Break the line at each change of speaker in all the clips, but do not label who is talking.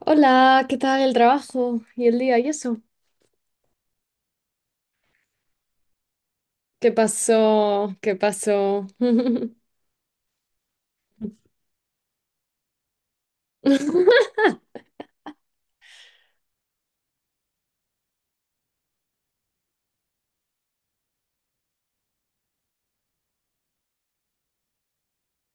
Hola, ¿qué tal el trabajo y el día y eso? ¿Qué pasó? ¿Qué pasó?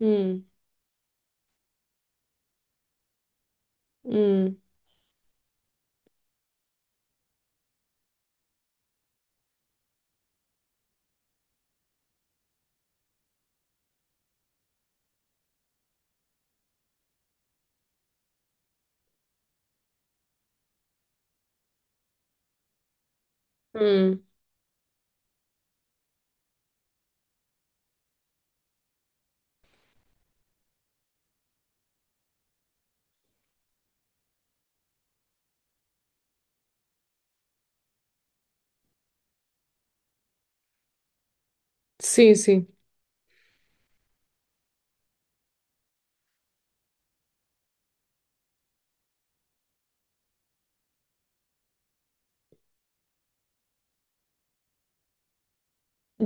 Mm, mm, mm. Sí, sí,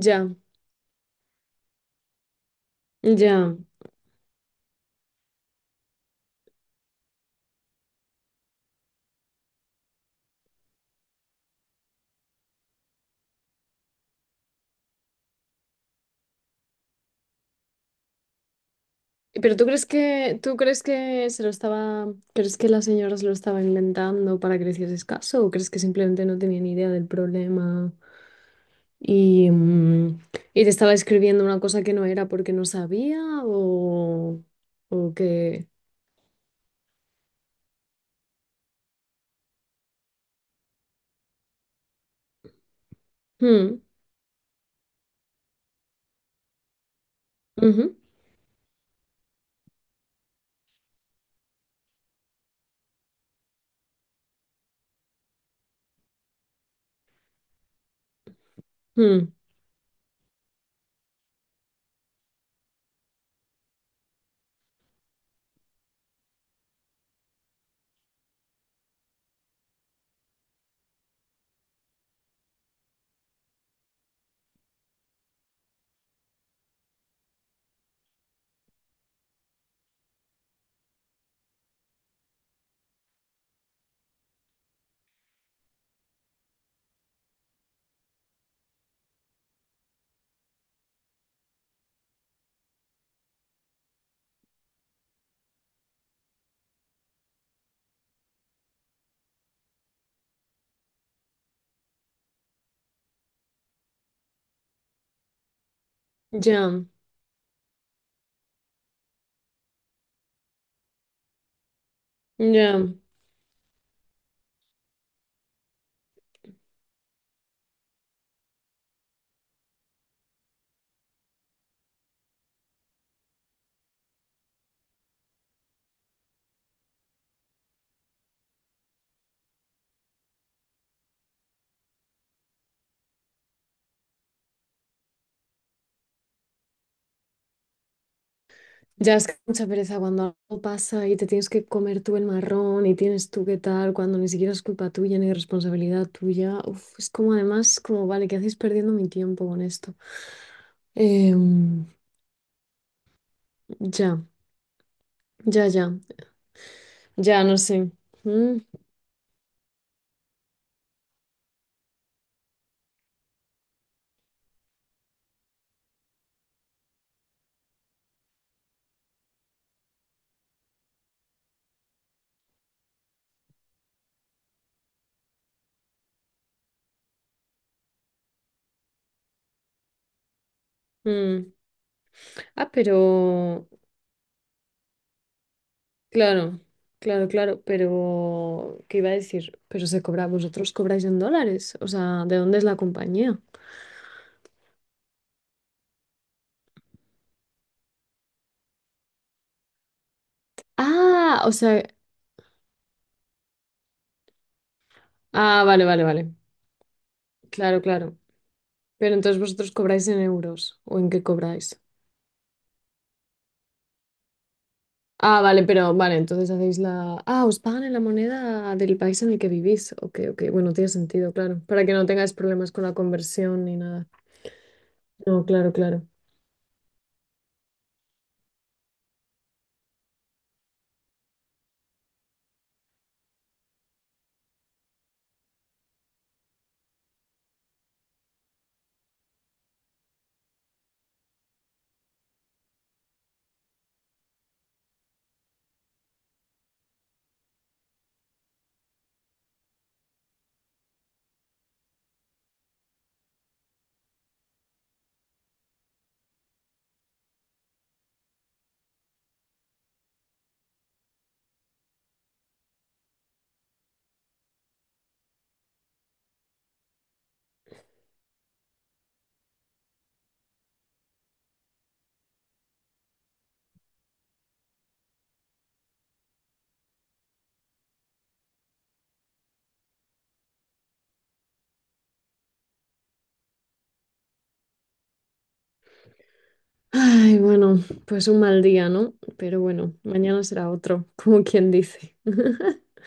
ya, ya. Pero tú crees que se lo estaba, crees que la señora se lo estaba inventando para que le hicieses caso o crees que simplemente no tenía ni idea del problema y, mm, y te estaba escribiendo una cosa que no era porque no sabía o que. Mm, ujú, mm, ya. Ya, ya es que mucha pereza cuando algo pasa y te tienes que comer tú el marrón y tienes tú qué tal, cuando ni siquiera es culpa tuya ni responsabilidad tuya. Uf, es como además, como vale, ¿qué hacéis perdiendo mi tiempo con esto? Em, ya, ya, ya, ya, no sé. Mm, mm. Ah, pero, claro, claro, claro, pero, ¿qué iba a decir? Pero se cobra, vosotros cobráis en dólares, o sea, ¿de dónde es la compañía? Ah, o sea, ah, vale, vale, vale. Claro, claro. Pero entonces vosotros cobráis en euros o en qué cobráis. Ah, vale, pero vale, entonces Ah, os pagan en la moneda del país en el que vivís. Ok, ok. Bueno, tiene sentido, claro. Para que no tengáis problemas con la conversión ni nada. No, claro, claro. Ay, bueno, pues un mal día, ¿no? Pero bueno, mañana será otro, como quien dice.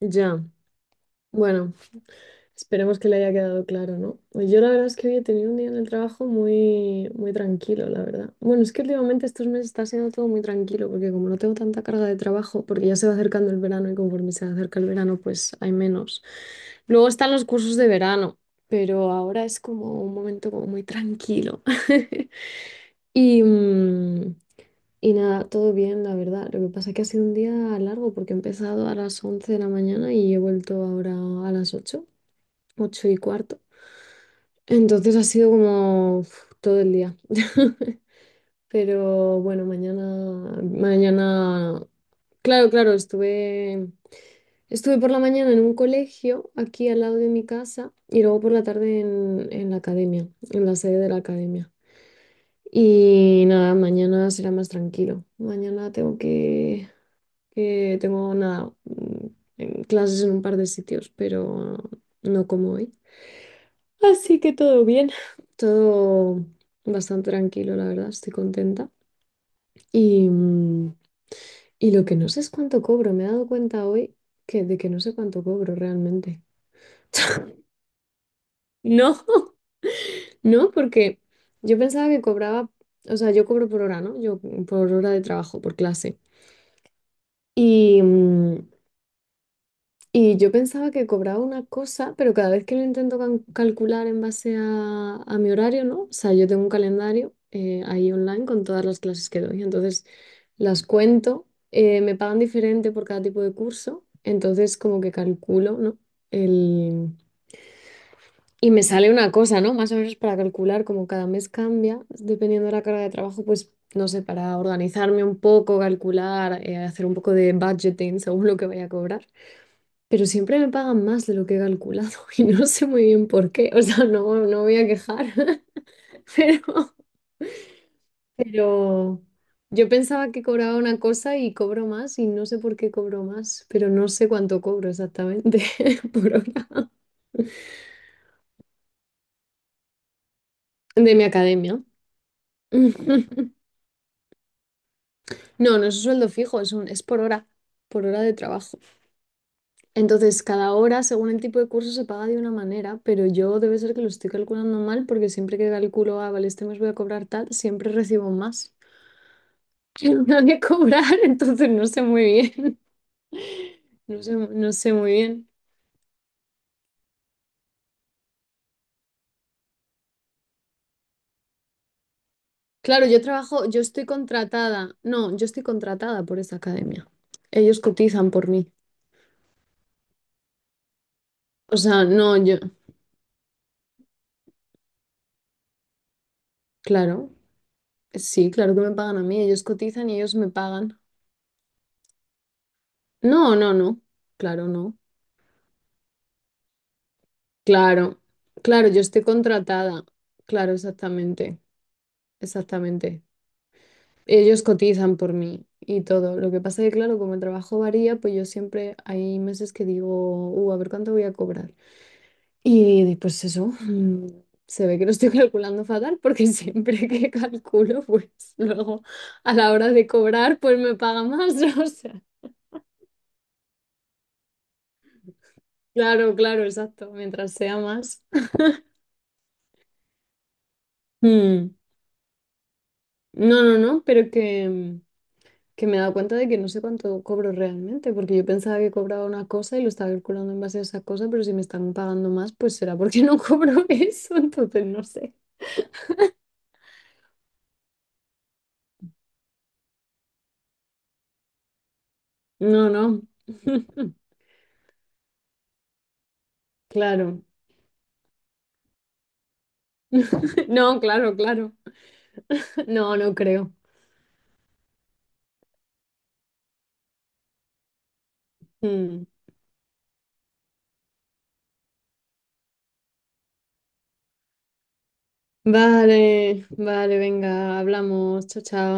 Ya. Bueno, esperemos que le haya quedado claro, ¿no? Pues yo la verdad es que hoy he tenido un día en el trabajo muy, muy tranquilo, la verdad. Bueno, es que últimamente estos meses está siendo todo muy tranquilo, porque como no tengo tanta carga de trabajo, porque ya se va acercando el verano y conforme se acerca el verano, pues hay menos. Luego están los cursos de verano, pero ahora es como un momento como muy tranquilo. Y, mm, y nada, todo bien, la verdad. Lo que pasa es que ha sido un día largo porque he empezado a las 11 de la mañana y he vuelto ahora a las 8, 8:15. Entonces ha sido como uf, todo el día. Pero bueno, mañana, mañana, claro, claro, estuve por la mañana en un colegio aquí al lado de mi casa y luego por la tarde en la academia, en la sede de la academia. Y nada, mañana será más tranquilo. Mañana tengo que tengo nada, en clases en un par de sitios, pero no como hoy. Así que todo bien, todo bastante tranquilo, la verdad, estoy contenta. Y, mm, y lo que no sé es cuánto cobro, me he dado cuenta hoy de que no sé cuánto cobro realmente. No, no, porque yo pensaba que cobraba, o sea, yo cobro por hora, ¿no? Yo por hora de trabajo, por clase. Y, mm, Y yo pensaba que cobraba una cosa, pero cada vez que lo intento calcular en base a mi horario, ¿no? O sea, yo tengo un calendario ahí online con todas las clases que doy. Entonces, las cuento, me pagan diferente por cada tipo de curso. Entonces, como que calculo, ¿no? El... Y me sale una cosa, ¿no? Más o menos para calcular, como cada mes cambia, dependiendo de la carga de trabajo, pues, no sé, para organizarme un poco, calcular, hacer un poco de budgeting según lo que vaya a cobrar, pero siempre me pagan más de lo que he calculado y no sé muy bien por qué. O sea, no, no voy a quejar, pero, pero yo pensaba que cobraba una cosa y cobro más y no sé por qué cobro más, pero no sé cuánto cobro exactamente por hora de mi academia. No, no es un sueldo fijo, es por hora de trabajo. Entonces, cada hora, según el tipo de curso, se paga de una manera, pero yo debe ser que lo estoy calculando mal porque siempre que calculo, ah, vale, este mes voy a cobrar tal, siempre recibo más. de cobrar, entonces no sé muy bien. No sé, no sé muy bien. Claro, yo trabajo, yo estoy contratada. No, yo estoy contratada por esa academia. Ellos cotizan por mí. O sea, no, yo, claro, sí, claro que me pagan a mí. Ellos cotizan y ellos me pagan. No, no, no. Claro, no. Claro, claro, yo estoy contratada. Claro, exactamente. Exactamente. Ellos cotizan por mí y todo. Lo que pasa es que, claro, como el trabajo varía, pues yo siempre hay meses que digo, a ver cuánto voy a cobrar. Y pues eso, se ve que lo estoy calculando fatal porque siempre que calculo, pues luego a la hora de cobrar, pues me paga más. O sea, claro, claro, exacto, mientras sea más. Mm. No, no, no, pero que me he dado cuenta de que no sé cuánto cobro realmente, porque yo pensaba que cobraba una cosa y lo estaba calculando en base a esa cosa, pero si me están pagando más, pues será porque no cobro eso, entonces no sé. No, no. Claro. No, claro, claro. No, no creo. Mm. Vale, vale, venga, hablamos. Chao, chao.